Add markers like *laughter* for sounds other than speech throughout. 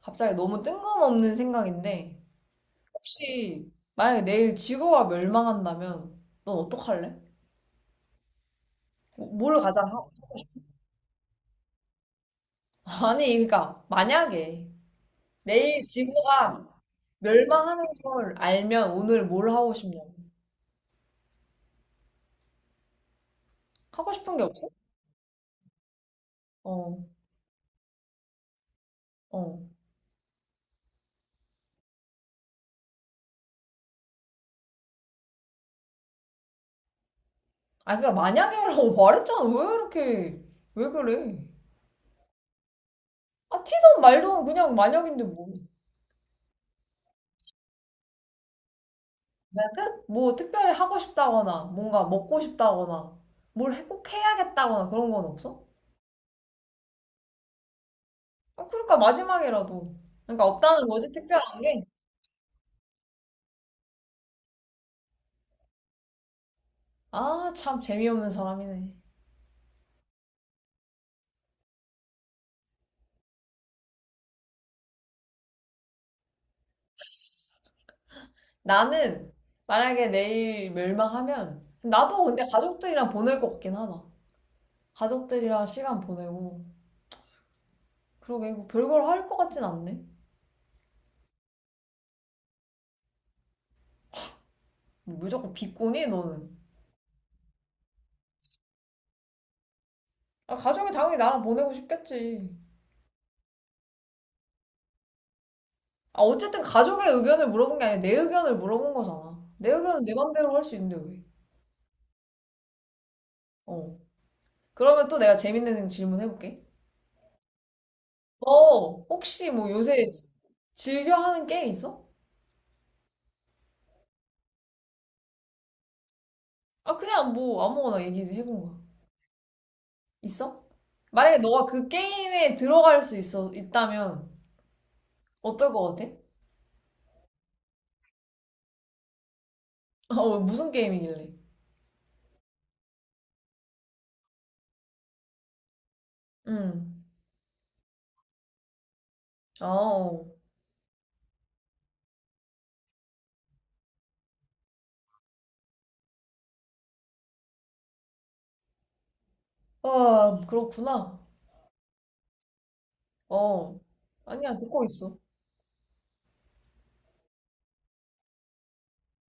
갑자기 너무 뜬금없는 생각인데, 혹시 만약에 내일 지구가 멸망한다면, 넌 어떡할래? 뭘 가장 하고 싶어? *laughs* 아니, 그러니까, 만약에 내일 지구가 멸망하는 걸 알면 오늘 뭘 하고 싶냐고. 하고 싶은 게 없어? 어, 어. 아, 그니까 만약에라고 *laughs* 말했잖아. 왜 이렇게, 왜 그래? 아, 티든 말든 그냥 만약인데 뭐. 그냥 끝? 뭐 특별히 하고 싶다거나 뭔가 먹고 싶다거나 꼭 해야겠다거나 그런 건 없어? 아, 그러니까 마지막이라도. 그러니까 없다는 거지 특별한 게. 아, 참 재미없는 사람이네. 나는 만약에 내일 멸망하면 나도 근데 가족들이랑 보낼 것 같긴 하다. 가족들이랑 시간 보내고 그러게 뭐 별걸 할 것 같진 않네. 뭐 무조건 비꼬니 너는? 아, 가족이 당연히 나랑 보내고 싶겠지. 아, 어쨌든 가족의 의견을 물어본 게 아니라 내 의견을 물어본 거잖아. 내 의견은 내 맘대로 할 수 있는데 왜? 어. 그러면 또 내가 재밌는 질문 해볼게. 너 혹시 뭐 요새 즐겨 하는 게임 있어? 아, 그냥 뭐 아무거나 얘기 좀 해본 거야. 있어? 만약에 너가 그 게임에 있다면 어떨 것 같아? *laughs* 어, 무슨 게임이길래? 응. 아, 어. 아, 그렇구나. 어. 아니야, 듣고 있어.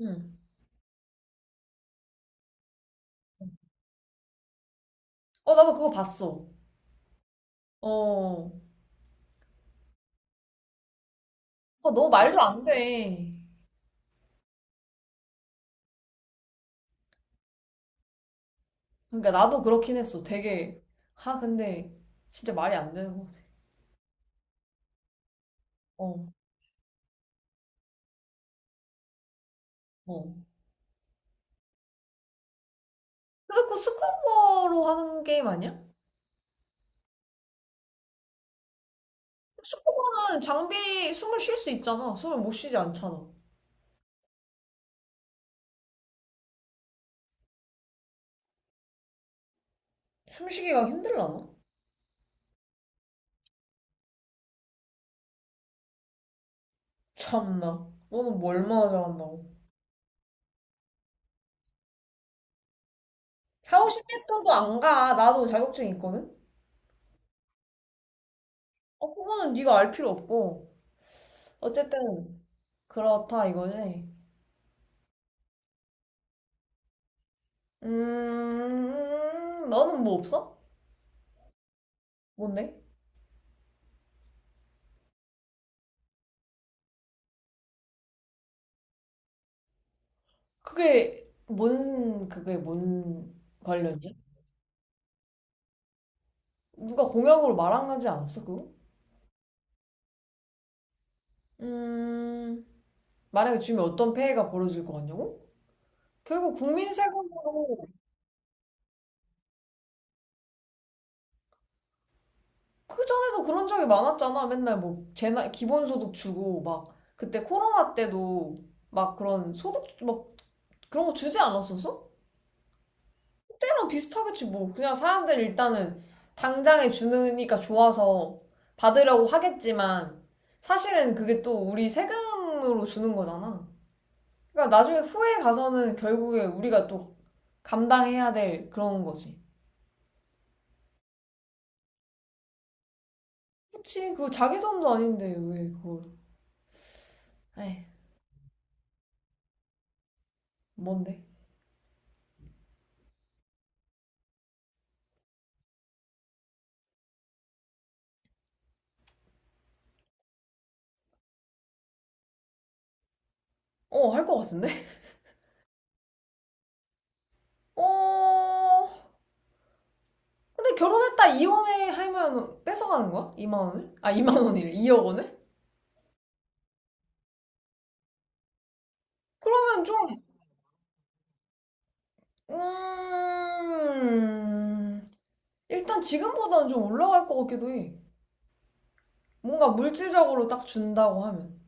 응. 어, 나도 그거 봤어. 어. 아, 너 말도 안 돼. 그러니까 나도 그렇긴 했어. 되게. 아, 근데 진짜 말이 안 되는 것 같아. 어, 어. 근데 그거 스쿠버로 하는 게임 아니야? 스쿠버는 장비 숨을 쉴 수 있잖아. 숨을 못 쉬지 않잖아. 숨쉬기가 힘들라나? 참나. 너는 뭐 얼마나 잘한다고. 4, 50m도 안 가. 나도 자격증 있거든? 어, 그거는 네가 알 필요 없고. 어쨌든 그렇다 이거지. 너는 뭐 없어? 뭔데? 그게 뭔 관련이야? 누가 공약으로 말한가지 않았어 그거? 음 만약에 주면 어떤 폐해가 벌어질 것 같냐고? 결국 국민 세금으로 그 전에도 그런 적이 많았잖아. 맨날 뭐 재난 기본소득 주고 막 그때 코로나 때도 막 그런 소득 막 그런 거 주지 않았었어? 때랑 비슷하겠지 뭐 그냥 사람들 일단은 당장에 주니까 좋아서 받으려고 하겠지만 사실은 그게 또 우리 세금으로 주는 거잖아. 그러니까 나중에 후에 가서는 결국에 우리가 또 감당해야 될 그런 거지. 그치 그거 자기 돈도 아닌데 왜 그걸. 에이. 뭔데? 어 할 것 같은데. *laughs* 어 근데 결혼했다 이혼해 하면 뺏어가는 거야? 2만 원을? 아 2만 원이래. 2억 원을? 그러면 좀 음, 일단 지금보다는 좀 올라갈 것 같기도 해. 뭔가 물질적으로 딱 준다고 하면.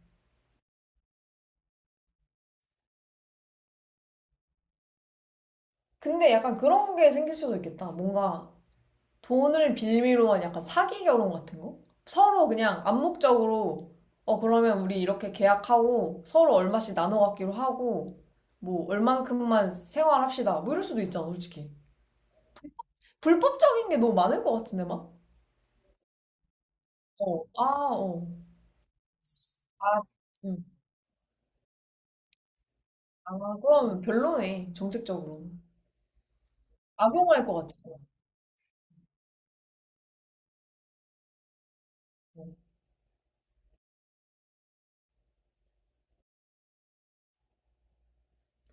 근데 약간 그런 게 생길 수도 있겠다. 뭔가 돈을 빌미로 한 약간 사기 결혼 같은 거? 서로 그냥 암묵적으로, 어, 그러면 우리 이렇게 계약하고 서로 얼마씩 나눠 갖기로 하고, 뭐, 얼만큼만 생활합시다. 뭐 이럴 수도 있잖아, 솔직히. 불법적인 게 너무 많을 것 같은데, 막? 어, 아, 어. 아, 아, 그럼 별로네, 정책적으로. 악용할 것 같아. 어.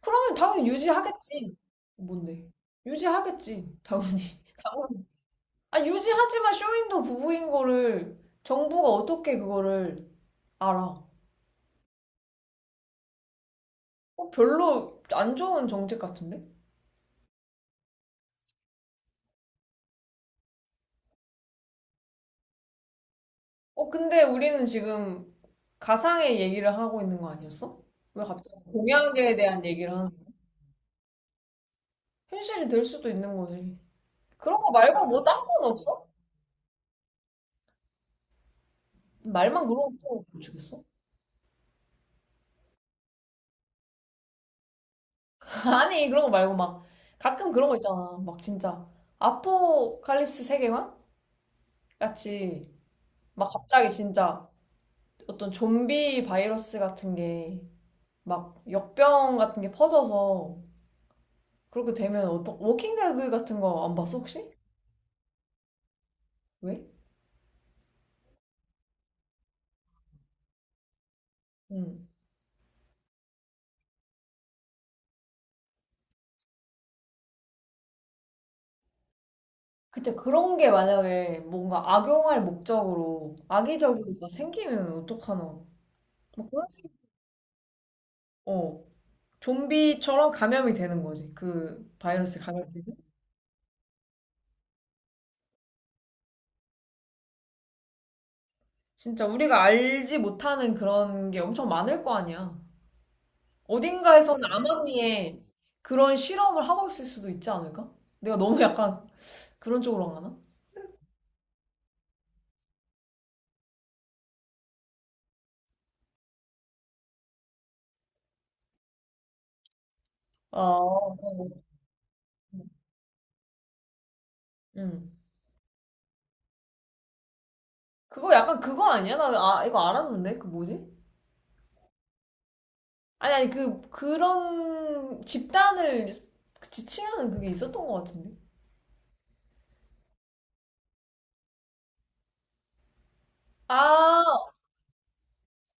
그러면 당연히 유지하겠지. 뭔데? 유지하겠지, 당연히. *laughs* 당연히. 아, 유지하지만 쇼윈도 부부인 거를 정부가 어떻게 그거를 알아? 어, 별로 안 좋은 정책 같은데? 어, 근데 우리는 지금 가상의 얘기를 하고 있는 거 아니었어? 왜 갑자기 공약에 대한 얘기를 하는 거야? 현실이 될 수도 있는 거지. 그런 거 말고 뭐 딴 건 없어? 말만 그러고 또 주겠어? 아니 그런 거 말고 막 가끔 그런 거 있잖아 막 진짜 아포칼립스 세계관 같이 막 갑자기 진짜 어떤 좀비 바이러스 같은 게 막 역병 같은 게 퍼져서 그렇게 되면 어떤 워킹데드 같은 거 안 봤어 혹시? 왜? 응. 그때 그런 게 만약에 뭔가 악용할 목적으로 악의적으로 막 생기면 어떡하나 뭐 그런 생각. 어 좀비처럼 감염이 되는 거지 그 바이러스 감염되면. 진짜 우리가 알지 못하는 그런 게 엄청 많을 거 아니야. 어딘가에서는 암암리에 그런 실험을 하고 있을 수도 있지 않을까? 내가 너무 약간 그런 쪽으로 안 가나? 아, 어. 응. 그거 약간 그거 아니야? 나 아, 이거 알았는데? 그 뭐지? 아니, 아니, 그런 집단을 그 지칭하는 그게 있었던 것 같은데? 아,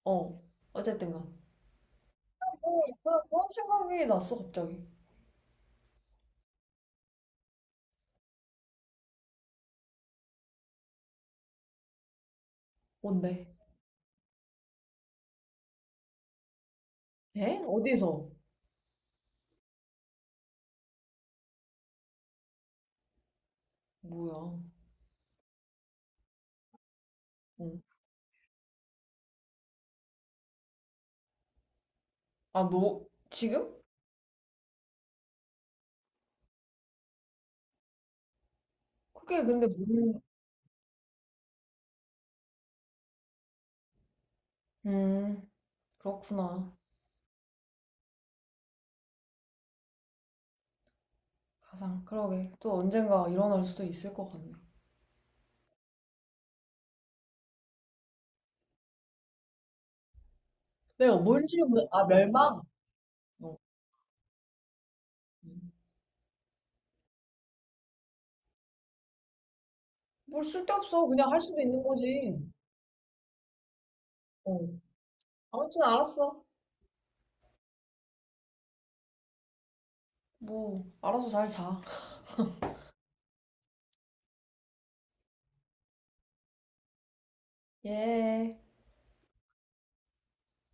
어. 어쨌든가. 어, 그런 생각이 났어, 갑자기. 뭔데? 에? 어디서? 뭐야? 어. 아, 너, 지금? 그게 근데 무슨, 음, 그렇구나. 가상, 그러게. 또 언젠가 일어날 수도 있을 것 같네. 내가 뭔지, 몰라. 아, 멸망? 어. 음. 뭘 쓸데없어. 그냥 할 수도 있는 거지. 어. 아무튼 알았어. 뭐, 알아서 잘 자. 예.